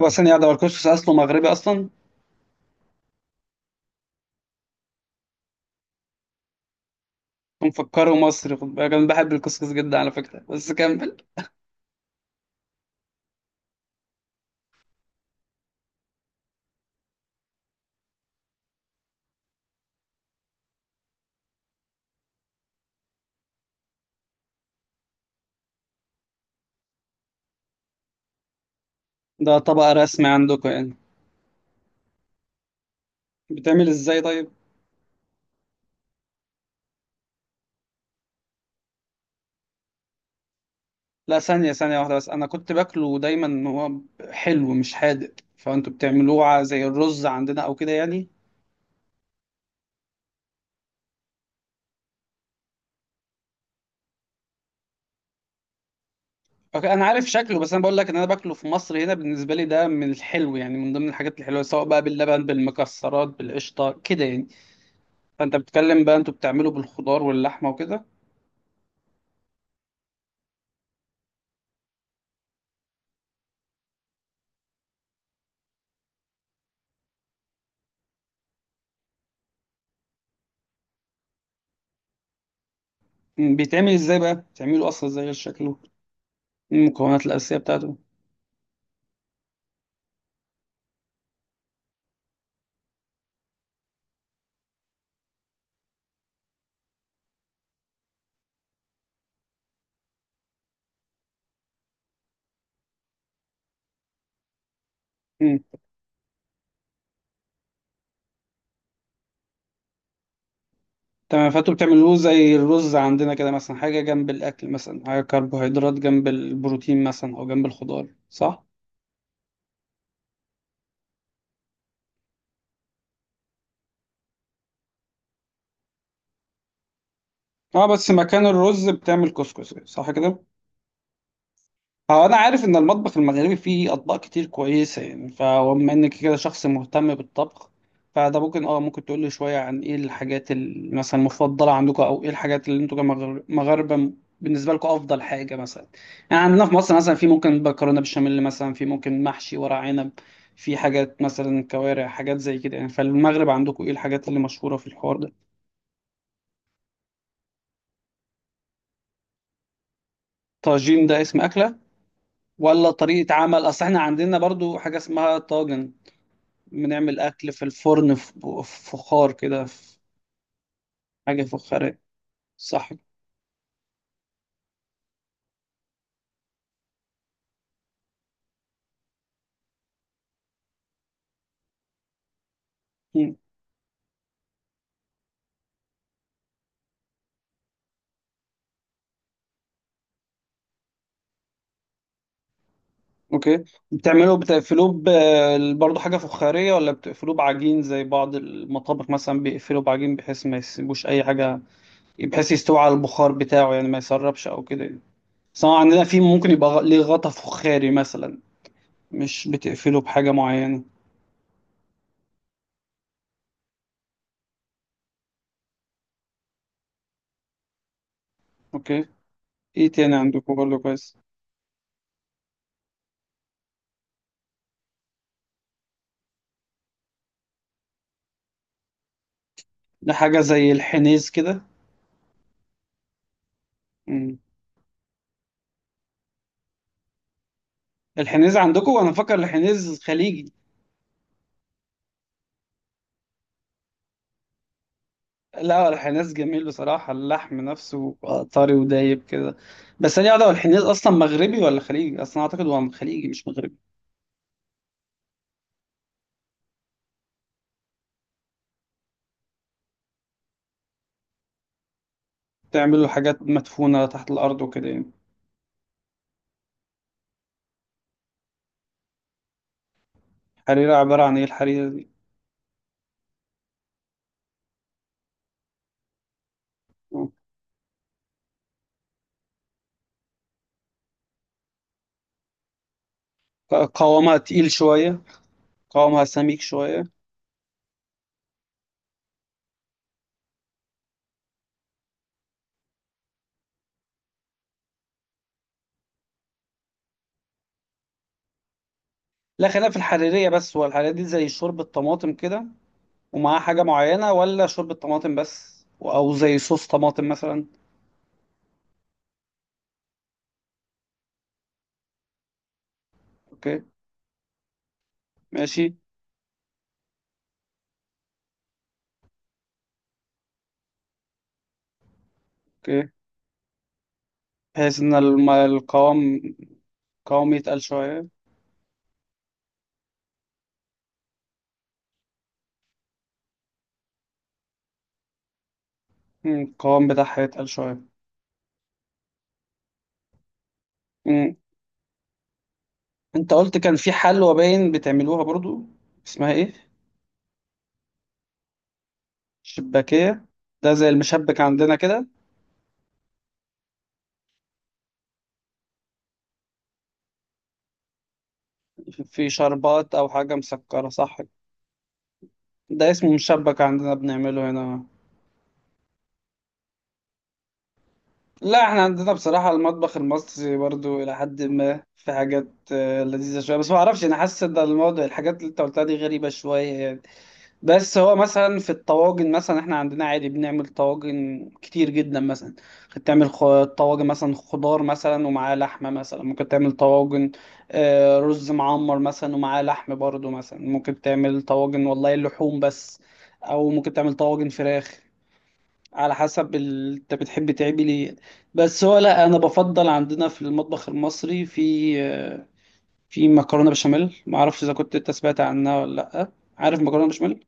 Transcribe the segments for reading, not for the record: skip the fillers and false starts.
وبعدين يا ده الكسكس اصله مغربي اصلا، مفكره مصري؟ خد بالك انا بحب الكسكس جدا على فكره، بس كمل. ده طبق رسمي عندكم يعني؟ بتعمل ازاي طيب؟ لا، ثانيه واحده بس، انا كنت باكله دايما ان هو حلو مش حادق. فانتوا بتعملوه زي الرز عندنا او كده يعني؟ اوكي، انا عارف شكله، بس انا بقول لك ان انا باكله في مصر. هنا بالنسبه لي ده من الحلو يعني، من ضمن الحاجات الحلوه، سواء بقى باللبن بالمكسرات بالقشطه كده يعني. فانت بتتكلم بقى انتوا بتعمله بالخضار واللحمه وكده. مم. بيتعمل ازاي بقى؟ بتعمله اصلا ازاي غير شكله، المكونات الاساسيه بتاعته؟ مم. تمام، فانتوا بتعملوه زي الرز عندنا كده مثلا، حاجه جنب الاكل، مثلا حاجه كربوهيدرات جنب البروتين، مثلا او جنب الخضار، صح؟ اه بس مكان الرز بتعمل كسكسي، صح كده؟ هو انا عارف ان المطبخ المغربي فيه اطباق كتير كويسه يعني، فبما انك كده شخص مهتم بالطبخ، فده ممكن ممكن تقول لي شويه عن ايه الحاجات مثلا المفضله عندكم، او ايه الحاجات اللي انتوا مغاربه بالنسبه لكم افضل حاجه مثلا. يعني عندنا في مصر مثلا، في ممكن مكرونه بشاميل مثلا، في ممكن محشي ورق عنب، في حاجات مثلا كوارع، حاجات زي كده يعني. فالمغرب عندكم ايه الحاجات اللي مشهوره في الحوار ده؟ طاجين ده اسم اكله ولا طريقه عمل؟ اصل احنا عندنا برضو حاجه اسمها طاجن، بنعمل أكل في الفرن، في في فخار كده، في حاجة فخارية، صح؟ مم. أوكي، بتعملوه بتقفلوه برضه حاجة فخارية، ولا بتقفلوه بعجين زي بعض المطابخ مثلا بيقفلوا بعجين، بحيث ما يسيبوش أي حاجة، بحيث يستوي على البخار بتاعه يعني، ما يسربش أو كده يعني. سواء عندنا، في ممكن يبقى ليه غطا فخاري مثلا، مش بتقفله بحاجة معينة؟ أوكي. إيه تاني عندكم برضه كويس؟ ده حاجة زي الحنيز كده؟ مم. الحنيز عندكم، انا فاكر الحنيز خليجي. لا، الحناس جميل بصراحة، اللحم نفسه طري ودايب كده. بس أنا أعرف الحناس أصلا مغربي ولا خليجي أصلا؟ أعتقد هو خليجي مش مغربي. بتعملوا حاجات مدفونة تحت الأرض وكده يعني؟ الحريرة عبارة عن إيه الحريرة دي؟ قوامها تقيل شوية؟ قوامها سميك شوية؟ لا خلاف في الحريرية، بس هو الحريرية دي زي شوربة طماطم كده، ومعاها حاجة معينة، ولا شوربة طماطم بس، أو زي صوص طماطم مثلا؟ أوكي. ماشي. أوكي. بحيث إن القوام، قوام يتقل شوية. مم، القوام بتاعها يتقل شوية. مم. انت قلت كان في حلوى باين بتعملوها برضو، اسمها ايه؟ شباكية. ده زي المشبك عندنا كده. في شربات او حاجة مسكرة، صح؟ ده اسمه مشبك عندنا، بنعمله هنا. لا، احنا عندنا بصراحة المطبخ المصري برضو الى حد ما في حاجات لذيذة شوية، بس ما اعرفش، انا حاسس ان الموضوع الحاجات اللي انت قلتها دي غريبة شوية يعني. بس هو مثلا في الطواجن مثلا، احنا عندنا عادي بنعمل طواجن كتير جدا مثلا. ممكن تعمل طواجن مثلا خضار مثلا ومعاه لحمة، مثلا ممكن تعمل طواجن رز معمر مثلا ومعاه لحم برضو، مثلا ممكن تعمل طواجن والله لحوم بس، او ممكن تعمل طواجن فراخ، على حسب انت بتحب تعمل ايه. بس هو لا، انا بفضل عندنا في المطبخ المصري في في مكرونة بشاميل، معرفش اذا كنت انت سمعت عنها ولا لا. عارف مكرونة بشاميل؟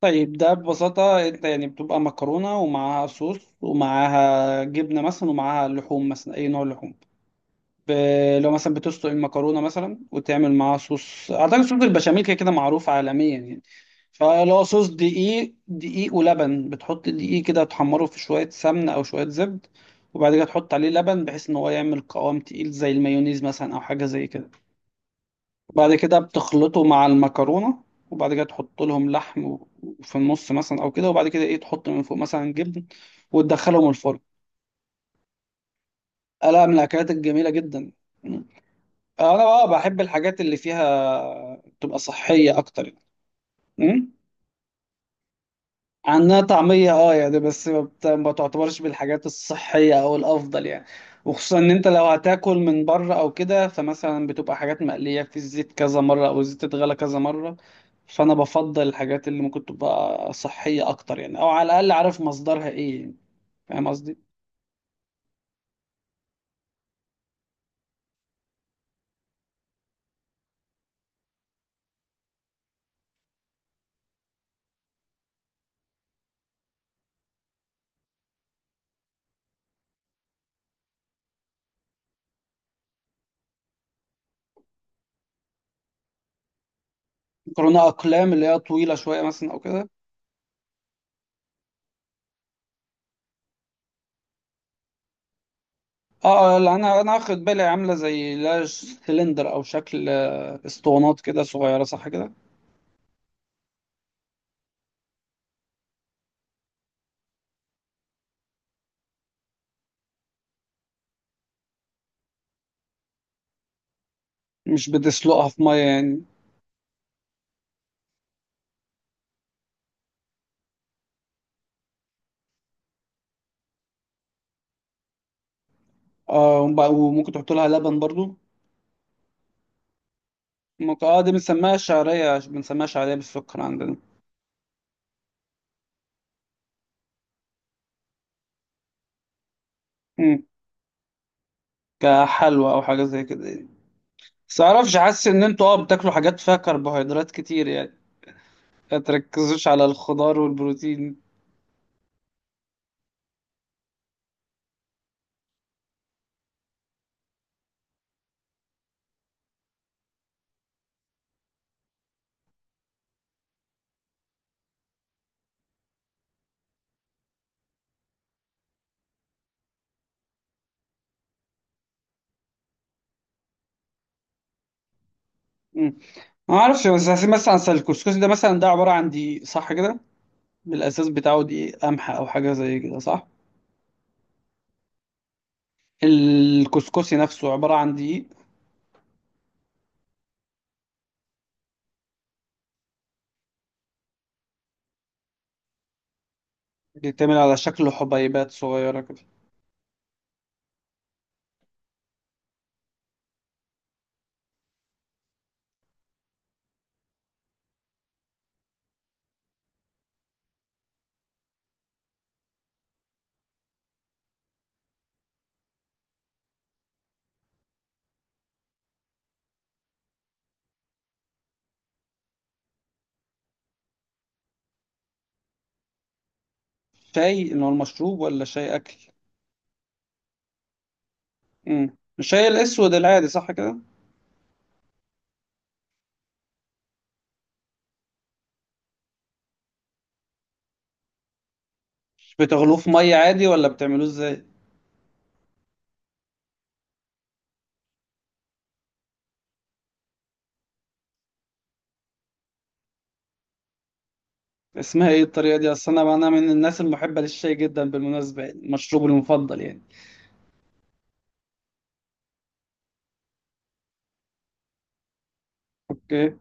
طيب ده ببساطة، انت يعني بتبقى مكرونة ومعاها صوص ومعاها جبنة مثلا ومعاها لحوم مثلا، اي نوع لحوم. ب... لو مثلا بتسلق المكرونة مثلا، وتعمل معاها صوص، اعتقد صوص البشاميل كده كده معروف عالميا يعني. فلو صوص دقيق، ولبن، بتحط الدقيق كده تحمره في شوية سمنة او شوية زبد، وبعد كده تحط عليه لبن بحيث ان هو يعمل قوام تقيل زي المايونيز مثلا، او حاجة زي كده. وبعد كده بتخلطه مع المكرونة. وبعد كده تحط لهم لحم و- وفي النص مثلا او كده، وبعد كده ايه تحط من فوق مثلا جبن، وتدخلهم الفرن. لا، من الاكلات الجميلة جدا. مم. انا بحب الحاجات اللي فيها تبقى صحية اكتر يعني. مم. عنها طعمية يعني، بس ما ما تعتبرش بالحاجات الصحية او الافضل يعني. وخصوصا ان انت لو هتاكل من بره او كده، فمثلا بتبقى حاجات مقلية في الزيت كذا مرة، او الزيت اتغلى كذا مرة. فانا بفضل الحاجات اللي ممكن تبقى صحية اكتر يعني، او على الاقل عارف مصدرها ايه يعني. فاهم قصدي؟ مكرونة اقلام اللي هي طويلة شوية مثلا او كده؟ لا، انا واخد بالي عاملة زي لا سلندر، او شكل اسطوانات كده صغيرة، صح كده؟ مش بتسلقها في مية يعني؟ اه، وممكن تحط لها لبن برضو. ممكن. اه دي بنسميها شعرية، بنسميها شعرية بالسكر عندنا. مم. كحلوى او حاجة زي كده يعني. بس معرفش، حاسس ان انتوا بتاكلوا حاجات فيها كربوهيدرات كتير يعني، ما تركزوش على الخضار والبروتين. مم. ما اعرفش، بس حاسس مثلا أصل الكسكسي ده مثلا، ده عبارة عن دقيق صح كده، بالاساس بتاعه دقيق قمح او حاجة زي كده، صح؟ الكسكسي نفسه عبارة عن دقيق، بيتعمل على شكل حبيبات صغيرة كده؟ شاي ان هو المشروب ولا شاي اكل؟ مم. مش هي الاسود العادي صح كده؟ مش بتغلوه في ميه عادي ولا بتعملوه ازاي؟ اسمها ايه الطريقه دي؟ اصل انا من الناس المحبه للشاي جدا بالمناسبه يعني، مشروبي المفضل يعني. اوكي.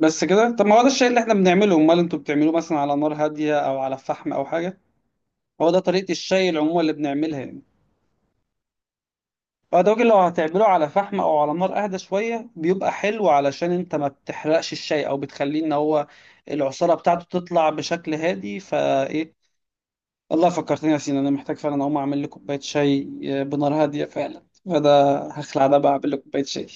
بس كده؟ طب ما هو ده الشاي اللي احنا بنعمله. امال انتوا بتعملوه مثلا على نار هاديه او على فحم او حاجه؟ هو ده طريقه الشاي العموم اللي بنعملها يعني. بعد وجه، لو هتعمله على فحم او على نار اهدى شويه بيبقى حلو، علشان انت ما بتحرقش الشاي، او بتخليه ان هو العصاره بتاعته تطلع بشكل هادي فايه. والله فكرتني يا سينا، انا محتاج فعلا اقوم اعمل لي كوبايه شاي، بنار هاديه فعلا. فده هخلع ده بقى، اعمل لي كوبايه شاي.